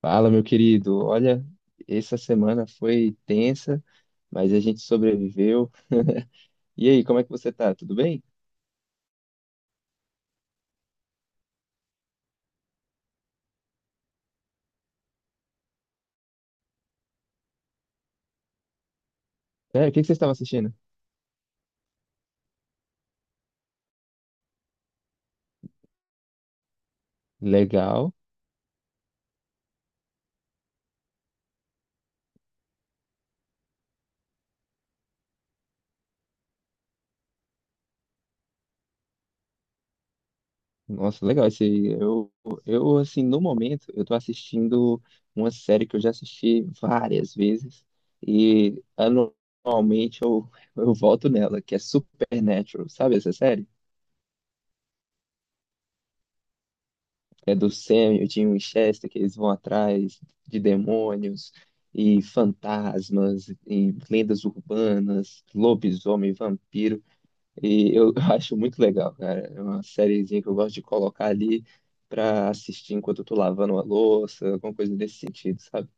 Fala, meu querido. Olha, essa semana foi tensa, mas a gente sobreviveu. E aí, como é que você tá? Tudo bem? Sério, o que que você estava assistindo? Legal. Nossa, legal. Eu, assim, no momento, eu tô assistindo uma série que eu já assisti várias vezes e anualmente eu volto nela, que é Supernatural. Sabe essa série? É do Sam e o Dean Winchester, que eles vão atrás de demônios e fantasmas e lendas urbanas, lobisomem, vampiro. E eu acho muito legal, cara. É uma sériezinha que eu gosto de colocar ali pra assistir enquanto eu tô lavando uma louça, alguma coisa desse sentido, sabe?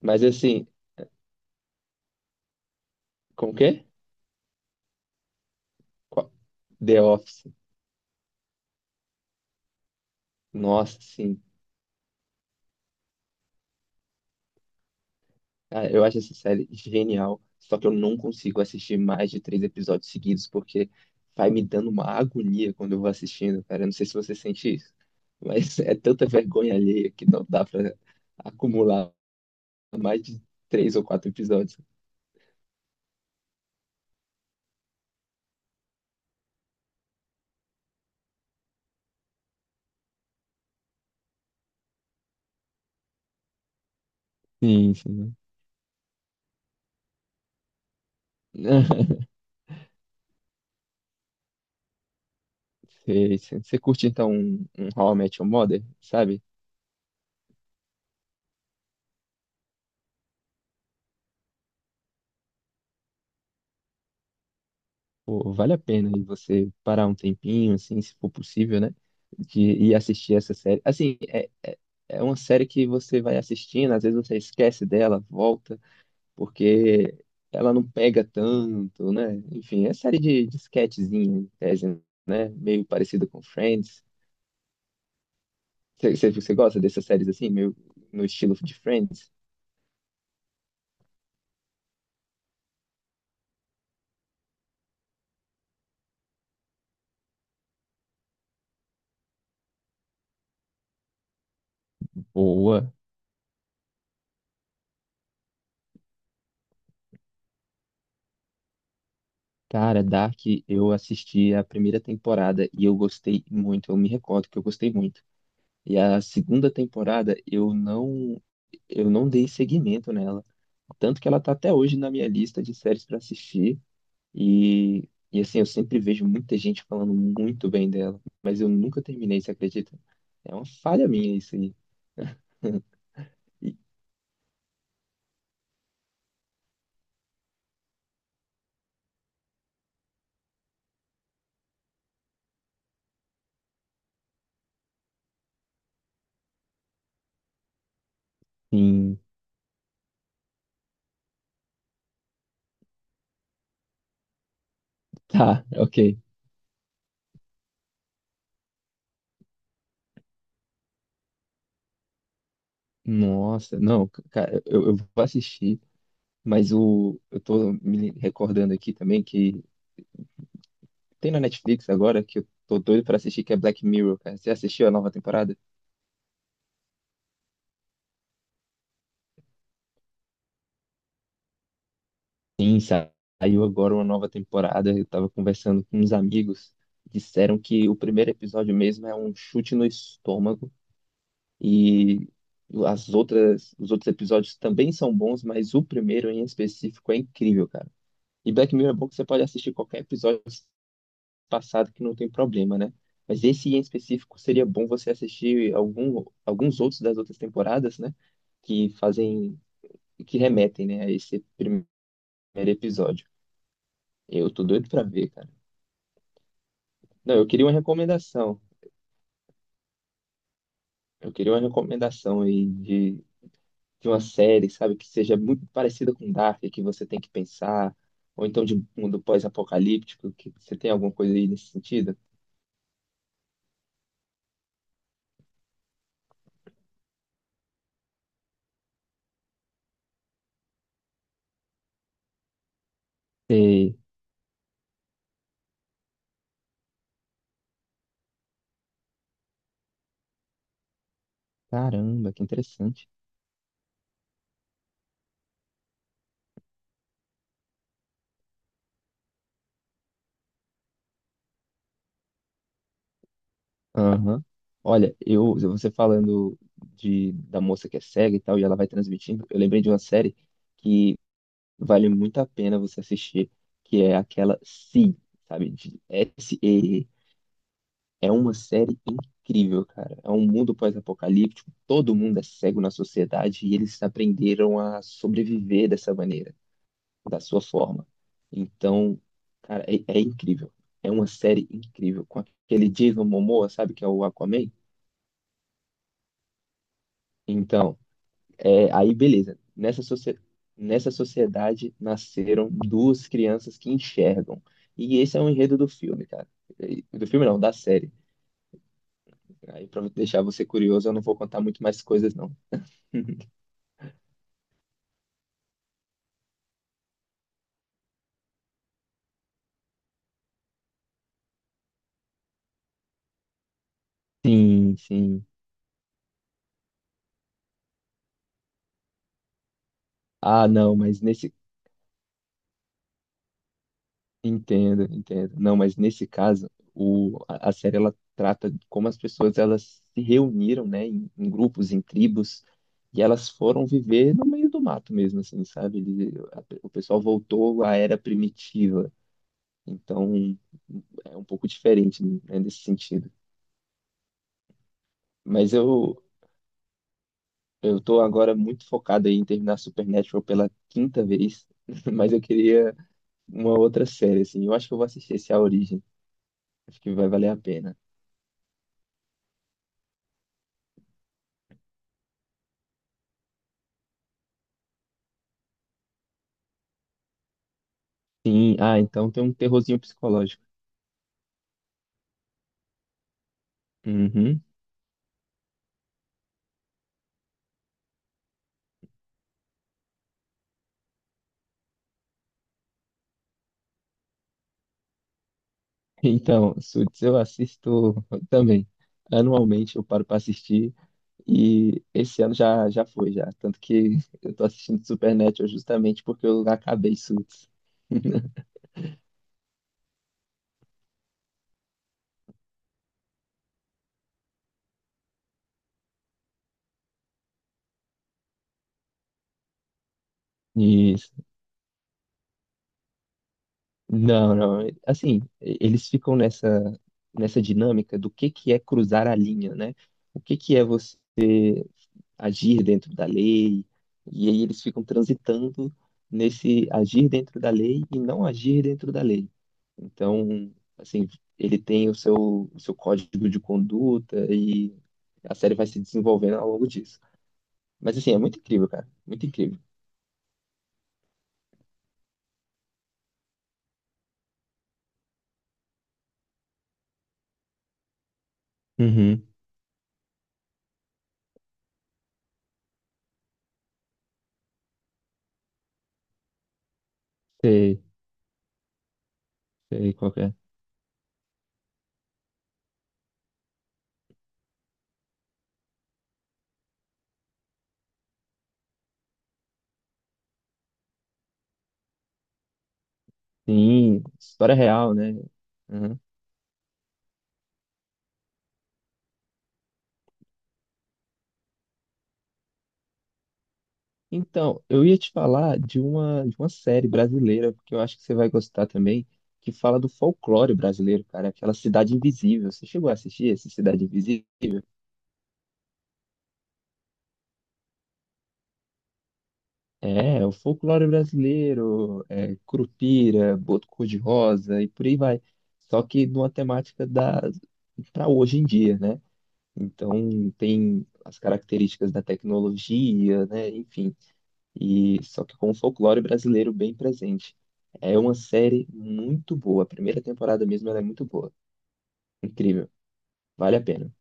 Mas assim, com o quê? Qual- The Office. Nossa, sim. Cara, eu acho essa série genial, só que eu não consigo assistir mais de três episódios seguidos, porque vai me dando uma agonia quando eu vou assistindo, cara. Eu não sei se você sente isso, mas é tanta vergonha alheia que não dá pra acumular mais de três ou quatro episódios. Sim, sim. Sei, sei. Você curte então um How I Met Your Mother, sabe? Pô, vale a pena aí você parar um tempinho, assim, se for possível, né? De ir assistir essa série. É uma série que você vai assistindo, às vezes você esquece dela, volta, porque ela não pega tanto, né? Enfim, é série de sketchzinha, em tese, né? Meio parecida com Friends. Você gosta dessas séries assim, meio no estilo de Friends? Boa. Cara, Dark, eu assisti a primeira temporada e eu gostei muito. Eu me recordo que eu gostei muito. E a segunda temporada eu não dei seguimento nela, tanto que ela tá até hoje na minha lista de séries para assistir e assim, eu sempre vejo muita gente falando muito bem dela, mas eu nunca terminei, você acredita? É uma falha minha isso aí. E- Sim, tá, ok. Nossa, não, cara, eu vou assistir, eu tô me recordando aqui também que tem na Netflix agora que eu tô doido pra assistir, que é Black Mirror, cara. Você assistiu a nova temporada? Sim, sa- saiu agora uma nova temporada. Eu estava conversando com uns amigos. Disseram que o primeiro episódio mesmo é um chute no estômago e as outras, os outros episódios também são bons, mas o primeiro em específico é incrível, cara. E Black Mirror é bom que você pode assistir qualquer episódio passado que não tem problema, né? Mas esse em específico seria bom você assistir algum, alguns outros das outras temporadas, né? Que fazem, que remetem, né, a esse primeiro episódio. Eu tô doido pra ver, cara. Não, eu queria uma recomendação. Eu queria uma recomendação aí de uma série, sabe, que seja muito parecida com Dark, que você tem que pensar, ou então de um mundo pós-apocalíptico, que você tem alguma coisa aí nesse sentido? Sei. Caramba, que interessante. Aham. Olha, eu, você falando de, da moça que é cega e tal, e ela vai transmitindo, eu lembrei de uma série que vale muito a pena você assistir, que é aquela Si, sabe, de SEE. É uma série incrível, cara. É um mundo pós-apocalíptico, todo mundo é cego na sociedade e eles aprenderam a sobreviver dessa maneira, da sua forma. Então, cara, é incrível. É uma série incrível. Com aquele Jason Momoa, sabe, que é o Aquaman? Então, é, aí beleza. Nessa, socie- nessa sociedade nasceram duas crianças que enxergam. E esse é o enredo do filme, cara. E- Do filme não, da série. Aí, pra deixar você curioso, eu não vou contar muito mais coisas, não. Sim, sim. Ah, não, mas nesse. Entendo, entendo. Não, mas nesse caso, o, a série ela trata de como as pessoas elas se reuniram, né, em grupos, em tribos, e elas foram viver no meio do mato mesmo, assim, sabe? Ele- a- o pessoal voltou à era primitiva. Então, é um pouco diferente, né, nesse sentido. Mas eu tô agora muito focado aí em terminar Supernatural pela quinta vez, mas eu queria uma outra série, assim. Eu acho que eu vou assistir esse A Origem. Acho que vai valer a pena. Sim, ah, então tem um terrorzinho psicológico. Uhum. Então, Suits eu assisto também. Anualmente eu paro para assistir e esse ano já foi já, tanto que eu tô assistindo Supernatural justamente porque eu acabei Suits. Isso. Não, não. Assim, eles ficam nessa dinâmica do que é cruzar a linha, né? O que que é você agir dentro da lei, e aí eles ficam transitando nesse agir dentro da lei e não agir dentro da lei. Então, assim, ele tem o seu código de conduta e a série vai se desenvolvendo ao longo disso. Mas, assim, é muito incrível, cara, muito incrível. Uhum. Sei, sei qual que é. Sim, história real, né? Uhum. Então, eu ia te falar de uma série brasileira, que eu acho que você vai gostar também, que fala do folclore brasileiro, cara, aquela Cidade Invisível. Você chegou a assistir essa Cidade Invisível? É, é o folclore brasileiro, é, Curupira, Boto Cor-de-Rosa e por aí vai. Só que numa temática da para hoje em dia, né? Então tem as características da tecnologia, né? Enfim, e só que com o folclore brasileiro bem presente. É uma série muito boa. A primeira temporada mesmo ela é muito boa. Incrível. Vale a pena.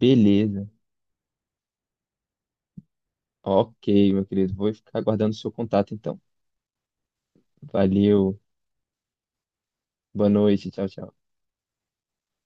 Beleza. Ok, meu querido. Vou ficar aguardando o seu contato então. Valeu. Boa noite. Tchau, tchau.